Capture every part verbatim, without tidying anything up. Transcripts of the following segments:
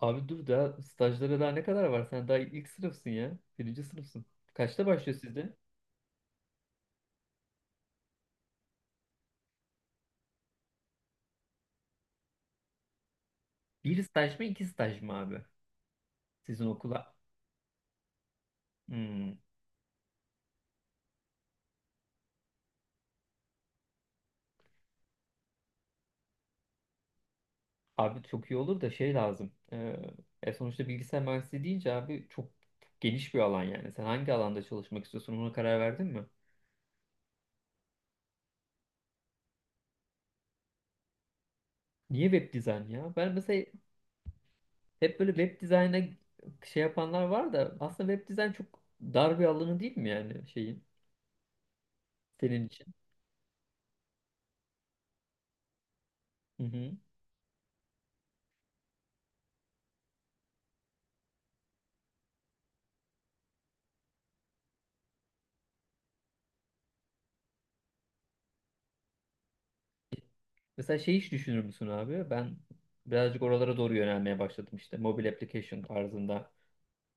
Abi dur daha stajlara daha ne kadar var? Sen daha ilk sınıfsın ya. Birinci sınıfsın. Kaçta başlıyor sizde? Bir staj mı iki staj mı abi? Sizin okula. Hmm. Abi çok iyi olur da şey lazım. Ee, e sonuçta bilgisayar mühendisliği deyince abi çok geniş bir alan yani. Sen hangi alanda çalışmak istiyorsun, ona karar verdin mi? Niye web dizayn ya? Ben mesela hep böyle web dizayna şey yapanlar var da aslında web dizayn çok dar bir alanı değil mi, yani şeyin senin için? Hı hı. Mesela şey hiç düşünür müsün abi? Ben birazcık oralara doğru yönelmeye başladım işte. Mobile application tarzında.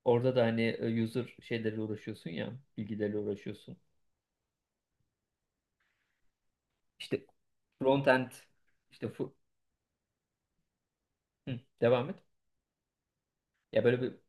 Orada da hani e, user şeyleriyle uğraşıyorsun ya. Bilgileriyle uğraşıyorsun. İşte front end işte fu- Hı, devam et. Ya böyle bir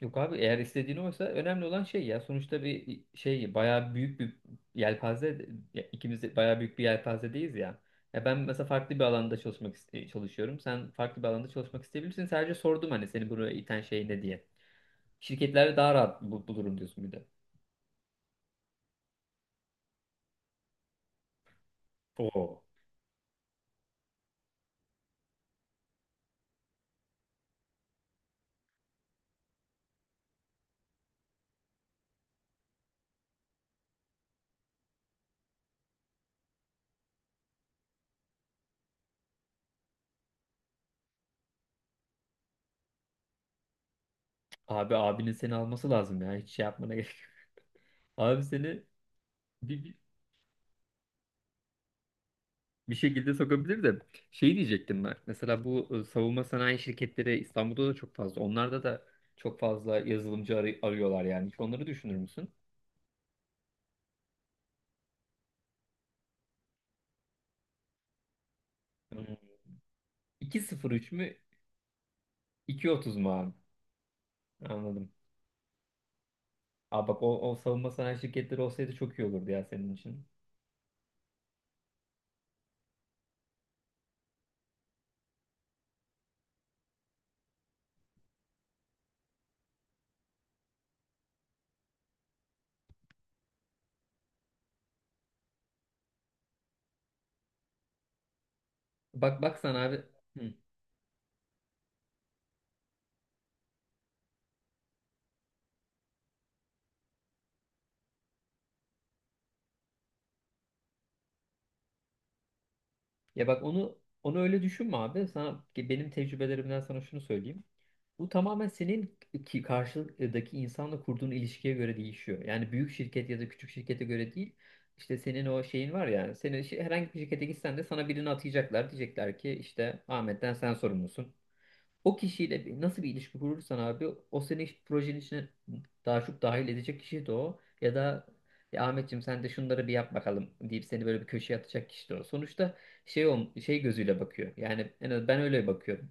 Yok abi, eğer istediğin oysa önemli olan şey, ya sonuçta bir şey bayağı büyük bir yelpaze, ya ikimiz de bayağı büyük bir yelpazedeyiz ya. Ya ben mesela farklı bir alanda çalışmak iste- çalışıyorum. Sen farklı bir alanda çalışmak isteyebilirsin. Sadece sordum hani seni buraya iten şey ne diye. Şirketlerde daha rahat bu- bulurum diyorsun bir de. Oo. Abi abinin seni alması lazım ya. Hiç şey yapmana gerek yok. Abi seni bir, bir- bir şekilde sokabilir de şey diyecektim ben. Mesela bu e, savunma sanayi şirketleri İstanbul'da da çok fazla. Onlarda da çok fazla yazılımcı arı- arıyorlar yani. Hiç onları düşünür müsün? Hmm. iki sıfır üç mü? iki otuz mu abi? Anladım. Aa bak, o, o savunma sanayi şirketleri olsaydı çok iyi olurdu ya senin için. Bak bak sen abi. Hı. Ya bak onu onu öyle düşünme abi. Sana benim tecrübelerimden sana şunu söyleyeyim. Bu tamamen senin ki karşıdaki insanla kurduğun ilişkiye göre değişiyor. Yani büyük şirket ya da küçük şirkete göre değil. İşte senin o şeyin var yani. Senin şey- herhangi bir şirkete gitsen de sana birini atayacaklar. Diyecekler ki işte Ahmet'ten sen sorumlusun. O kişiyle bir- nasıl bir ilişki kurursan abi, o seni iş- projenin içine daha çok dahil edecek kişi de o. Ya da ya Ahmetciğim sen de şunları bir yap bakalım deyip seni böyle bir köşeye atacak kişi de o. Sonuçta şey ol- şey gözüyle bakıyor. Yani en az ben öyle bakıyorum.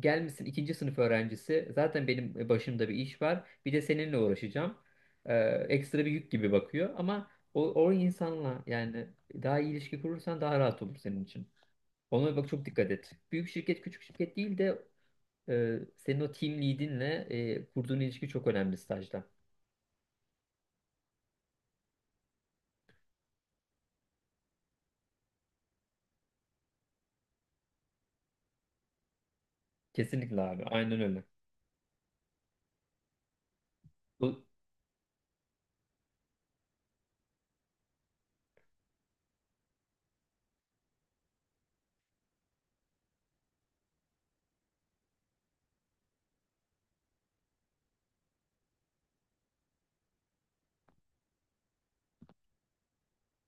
Gelmişsin ikinci sınıf öğrencisi. Zaten benim e, başımda bir iş var. Bir de seninle uğraşacağım. Ee, ekstra bir yük gibi bakıyor. Ama o, o insanla yani daha iyi ilişki kurursan daha rahat olur senin için. Ona bak, çok dikkat et. Büyük şirket küçük şirket değil de e, senin o team lead'inle e, kurduğun ilişki çok önemli stajda. Kesinlikle abi. Aynen öyle. Bu-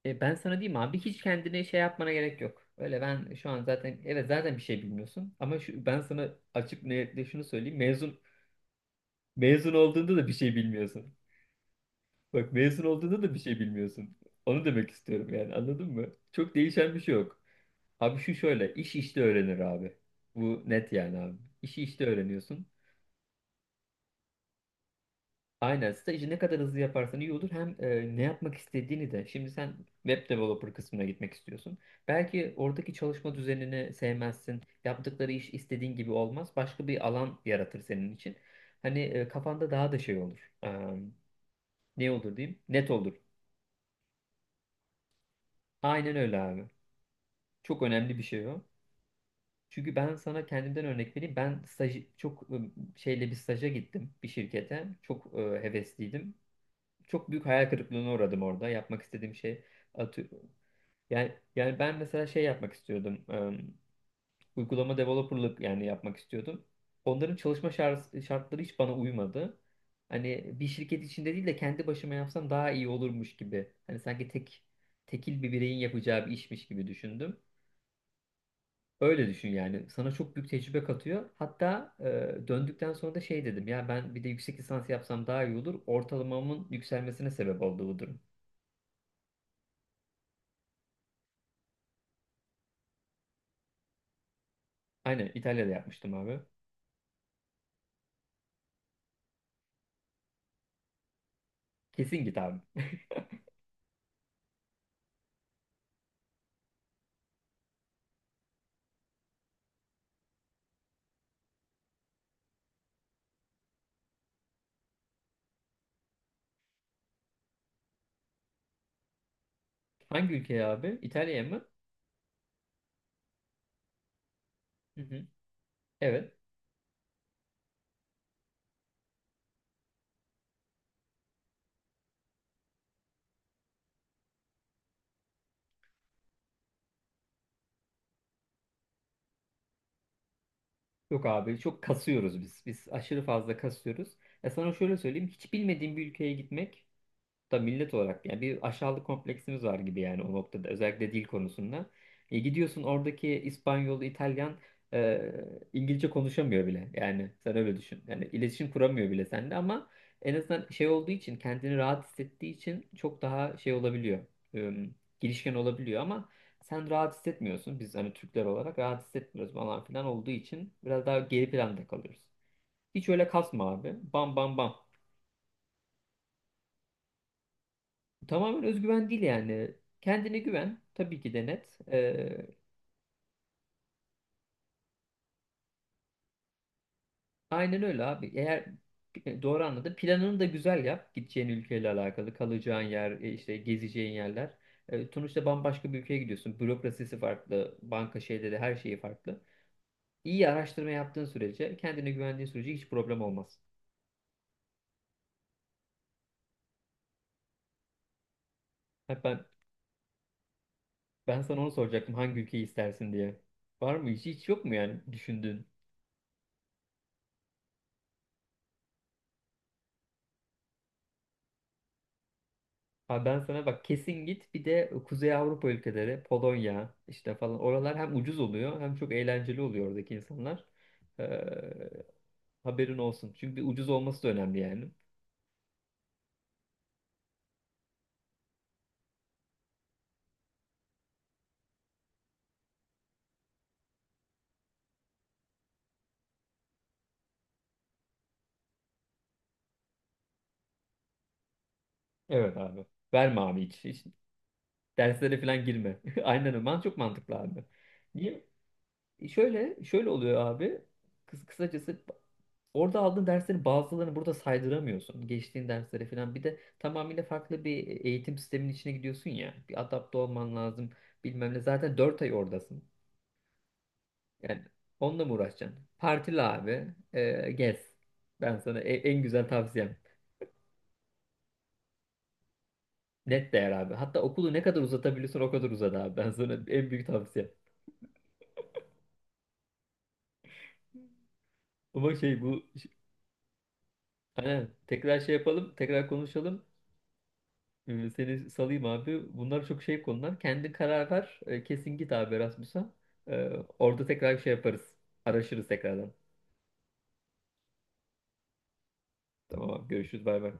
e, ben sana diyeyim abi, hiç kendine şey yapmana gerek yok. Öyle ben şu an zaten, evet, zaten bir şey bilmiyorsun. Ama şu, ben sana açık netle şunu söyleyeyim. Mezun Mezun olduğunda da bir şey bilmiyorsun. Bak, mezun olduğunda da bir şey bilmiyorsun. Onu demek istiyorum yani, anladın mı? Çok değişen bir şey yok. Abi şu şöyle, iş işte öğrenir abi. Bu net yani abi. İşi işte öğreniyorsun. Aynen, stajı ne kadar hızlı yaparsan iyi olur. Hem e, ne yapmak istediğini de. Şimdi sen web developer kısmına gitmek istiyorsun. Belki oradaki çalışma düzenini sevmezsin. Yaptıkları iş istediğin gibi olmaz. Başka bir alan yaratır senin için. Hani e, kafanda daha da şey olur. Eee, ne olur diyeyim? Net olur. Aynen öyle abi. Çok önemli bir şey o. Çünkü ben sana kendimden örnek vereyim. Ben staj çok ım, şeyle bir staja gittim bir şirkete. Çok e, hevesliydim. Çok büyük hayal kırıklığına uğradım orada. Yapmak istediğim şey atı yani, yani ben mesela şey yapmak istiyordum. ım, Uygulama developerlık yani yapmak istiyordum. Onların çalışma şar- şartları hiç bana uymadı. Hani bir şirket içinde değil de kendi başıma yapsam daha iyi olurmuş gibi. Hani sanki tek tekil bir bireyin yapacağı bir işmiş gibi düşündüm. Öyle düşün yani. Sana çok büyük tecrübe katıyor. Hatta e, döndükten sonra da şey dedim. Ya ben bir de yüksek lisans yapsam daha iyi olur. Ortalamamın yükselmesine sebep oldu bu durum. Aynen İtalya'da yapmıştım abi. Kesin git abi. Hangi ülkeye abi? İtalya'ya mı? Hı hı. Evet. Yok abi, çok kasıyoruz biz. Biz aşırı fazla kasıyoruz. Ya sana şöyle söyleyeyim. Hiç bilmediğim bir ülkeye gitmek da millet olarak yani bir aşağılık kompleksimiz var gibi yani o noktada, özellikle dil konusunda. E, gidiyorsun, oradaki İspanyol, İtalyan e, İngilizce konuşamıyor bile. Yani sen öyle düşün. Yani iletişim kuramıyor bile sende, ama en azından şey olduğu için, kendini rahat hissettiği için, çok daha şey olabiliyor. E, girişken olabiliyor, ama sen rahat hissetmiyorsun. Biz hani Türkler olarak rahat hissetmiyoruz falan filan olduğu için biraz daha geri planda kalıyoruz. Hiç öyle kasma abi. Bam bam bam. Tamamen özgüven değil yani. Kendine güven. Tabii ki de net. Ee, aynen öyle abi. Eğer e, doğru anladım. Planını da güzel yap. Gideceğin ülkeyle alakalı. Kalacağın yer, e, işte gezeceğin yerler. Ee, sonuçta bambaşka bir ülkeye gidiyorsun. Bürokrasisi farklı. Banka şeyleri, her şeyi farklı. İyi araştırma yaptığın sürece, kendine güvendiğin sürece hiç problem olmaz. Ha ben, ben sana onu soracaktım. Hangi ülkeyi istersin diye. Var mı? Hiç, hiç yok mu yani düşündüğün? Ha, ben sana bak, kesin git. Bir de Kuzey Avrupa ülkeleri, Polonya işte falan, oralar hem ucuz oluyor hem çok eğlenceli oluyor oradaki insanlar. Ee, haberin olsun. Çünkü ucuz olması da önemli yani. Evet abi. Verme abi hiç. Hiç derslere falan girme. Aynen öyle. Man- Çok mantıklı abi. Niye? Şöyle şöyle oluyor abi. Kıs kısacası, orada aldığın derslerin bazılarını burada saydıramıyorsun. Geçtiğin derslere falan. Bir de tamamıyla farklı bir eğitim sisteminin içine gidiyorsun ya. Bir adapte olman lazım. Bilmem ne. Zaten dört ay oradasın. Yani onunla mı uğraşacaksın? Partili abi. e, gez. Ben sana e- en güzel tavsiyem. Net değer abi. Hatta okulu ne kadar uzatabiliyorsun o kadar uzat abi. Ben sana en büyük tavsiyem. Ama şey bu. Aynen. Tekrar şey yapalım. Tekrar konuşalım. Ee, Seni salayım abi. Bunlar çok şey konular. Kendi karar ver. Ee, Kesin git abi Erasmus'a. Ee, Orada tekrar şey yaparız. Araşırız tekrardan. Tamam abi, görüşürüz, bay bay.